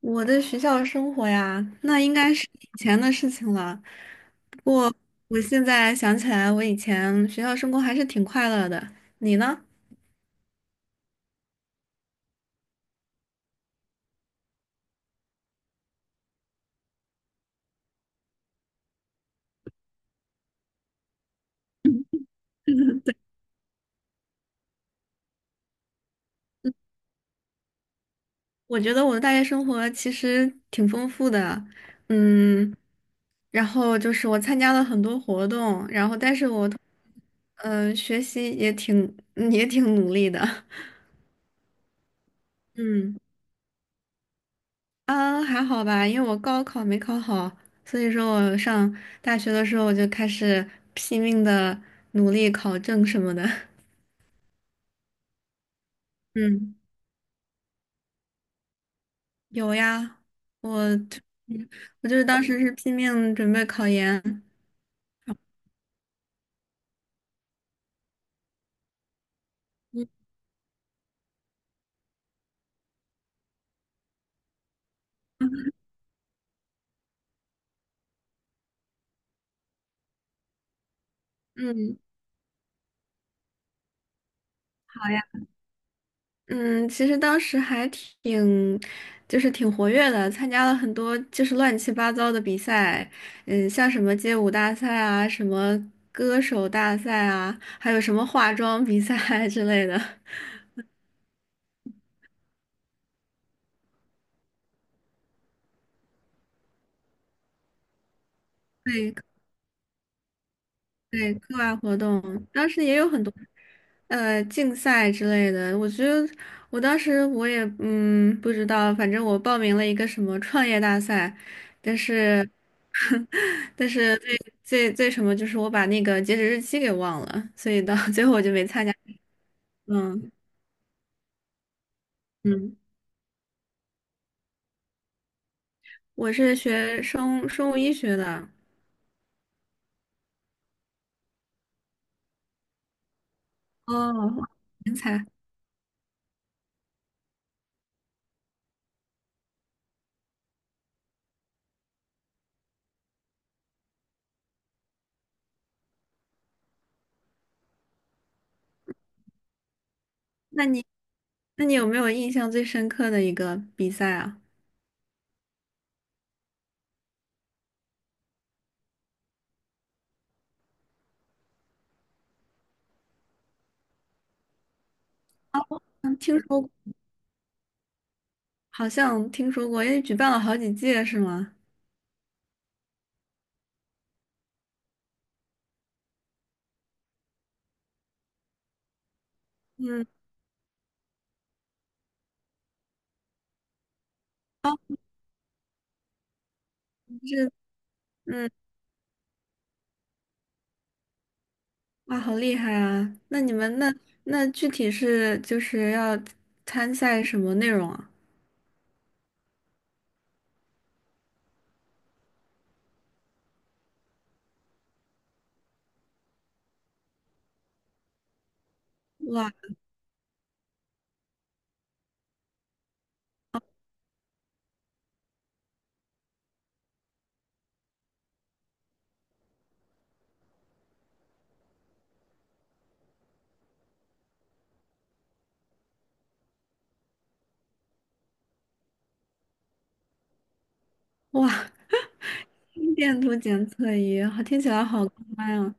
我的学校生活呀，那应该是以前的事情了。不过我现在想起来，我以前学校生活还是挺快乐的。你呢？我觉得我的大学生活其实挺丰富的，嗯，然后就是我参加了很多活动，然后但是我，学习也挺努力的，嗯。嗯，还好吧，因为我高考没考好，所以说我上大学的时候我就开始拼命的努力考证什么的。嗯，有呀，我就我就是当时是拼命准备考研。嗯，嗯，好呀嗯，其实当时还挺，就是挺活跃的，参加了很多就是乱七八糟的比赛，像什么街舞大赛啊，什么歌手大赛啊，还有什么化妆比赛 之类的。对。对，课外活动，当时也有很多，竞赛之类的。我觉得我当时我也不知道，反正我报名了一个什么创业大赛，但是 但是最最最什么就是我把那个截止日期给忘了，所以到 最后我就没参加。嗯嗯，我是学生物医学的。哦，人才。那你那你有没有印象最深刻的一个比赛啊？听说过。好像听说过，因为举办了好几届是吗？嗯，哦，是，嗯，哇，好厉害啊！那你们那具体是就是要参赛什么内容啊？哇哇，心电图检测仪，好，听起来好高端啊！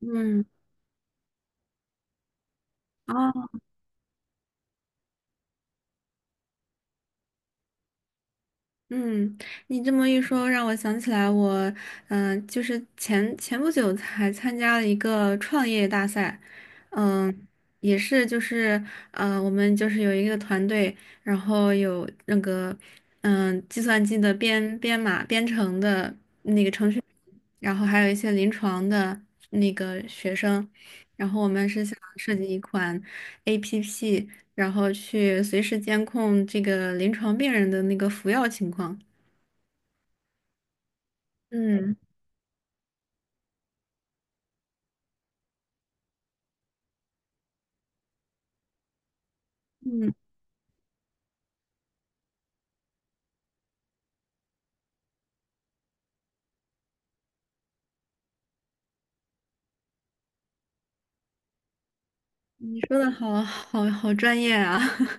嗯，哦嗯，你这么一说，让我想起来我，就是前不久才参加了一个创业大赛，嗯、也是就是，我们就是有一个团队，然后有那个，计算机的编码编程的那个程序员然后还有一些临床的那个学生，然后我们是想设计一款 APP。然后去随时监控这个临床病人的那个服药情况。嗯嗯，你说的好好好专业啊！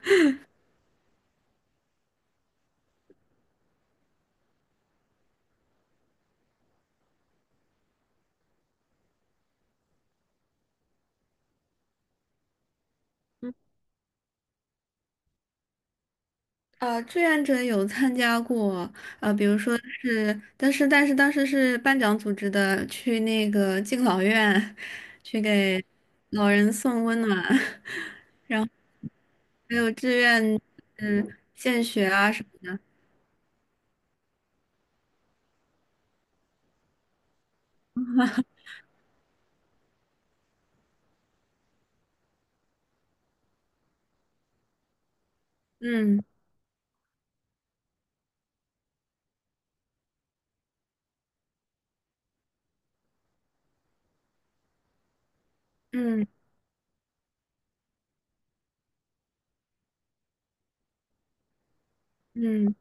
啊，志愿者有参加过，比如说是，但是当时是班长组织的，去那个敬老院，去给老人送温暖，还有志愿，嗯，献血啊什么，嗯嗯嗯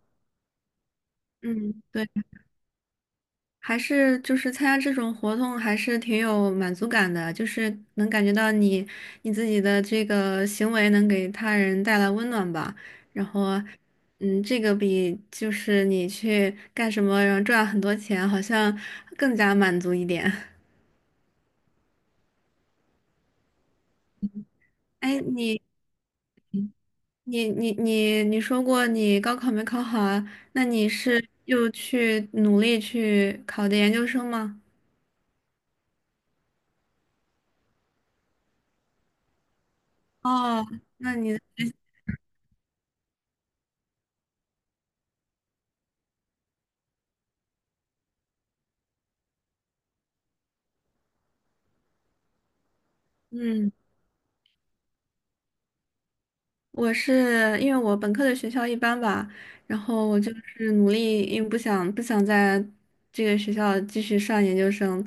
嗯，对。还是就是参加这种活动还是挺有满足感的，就是能感觉到你自己的这个行为能给他人带来温暖吧。然后，这个比就是你去干什么然后赚很多钱，好像更加满足一点。哎，你说过你高考没考好啊？那你是又去努力去考的研究生吗？哦，那你嗯。我是因为我本科的学校一般吧，然后我就是努力，因为不想在这个学校继续上研究生，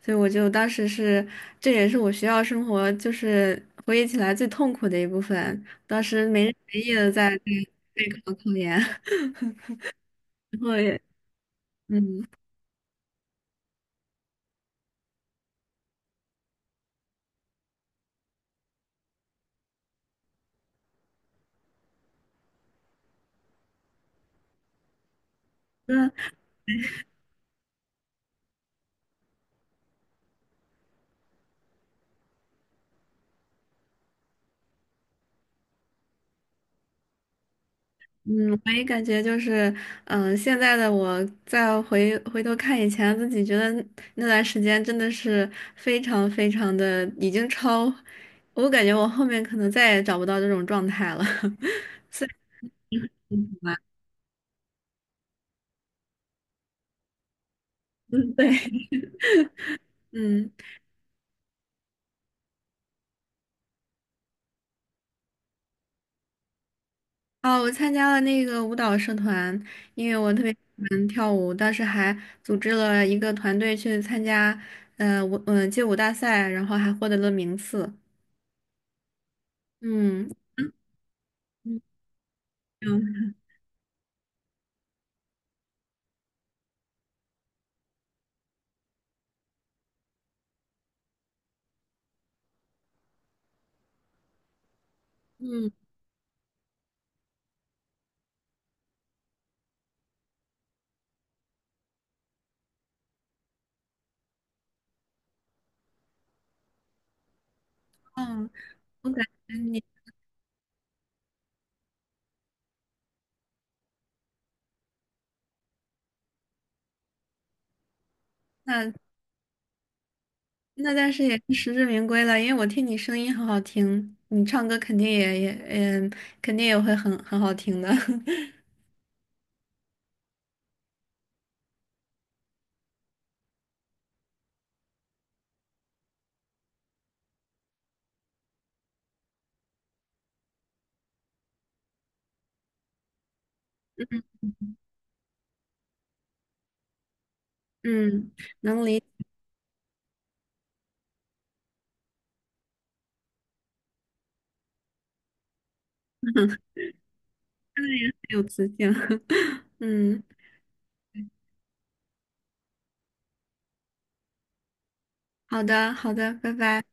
所以我就当时是，这也是我学校生活就是回忆起来最痛苦的一部分。当时没日没夜的在备考考研，然后也嗯，那。嗯，我也感觉就是，现在的我再回头看以前自己，觉得那段时间真的是非常非常的已经超，我感觉我后面可能再也找不到这种状态了。嗯，对，嗯，哦，我参加了那个舞蹈社团，因为我特别喜欢跳舞，当时还组织了一个团队去参加，街舞大赛，然后还获得了名次。嗯嗯嗯。嗯，哦，我感觉你。那那但是也是实至名归了，因为我听你声音很好听，你唱歌肯定也，肯定也会很好听的。嗯，能理解有磁性。嗯，好的好的，拜拜。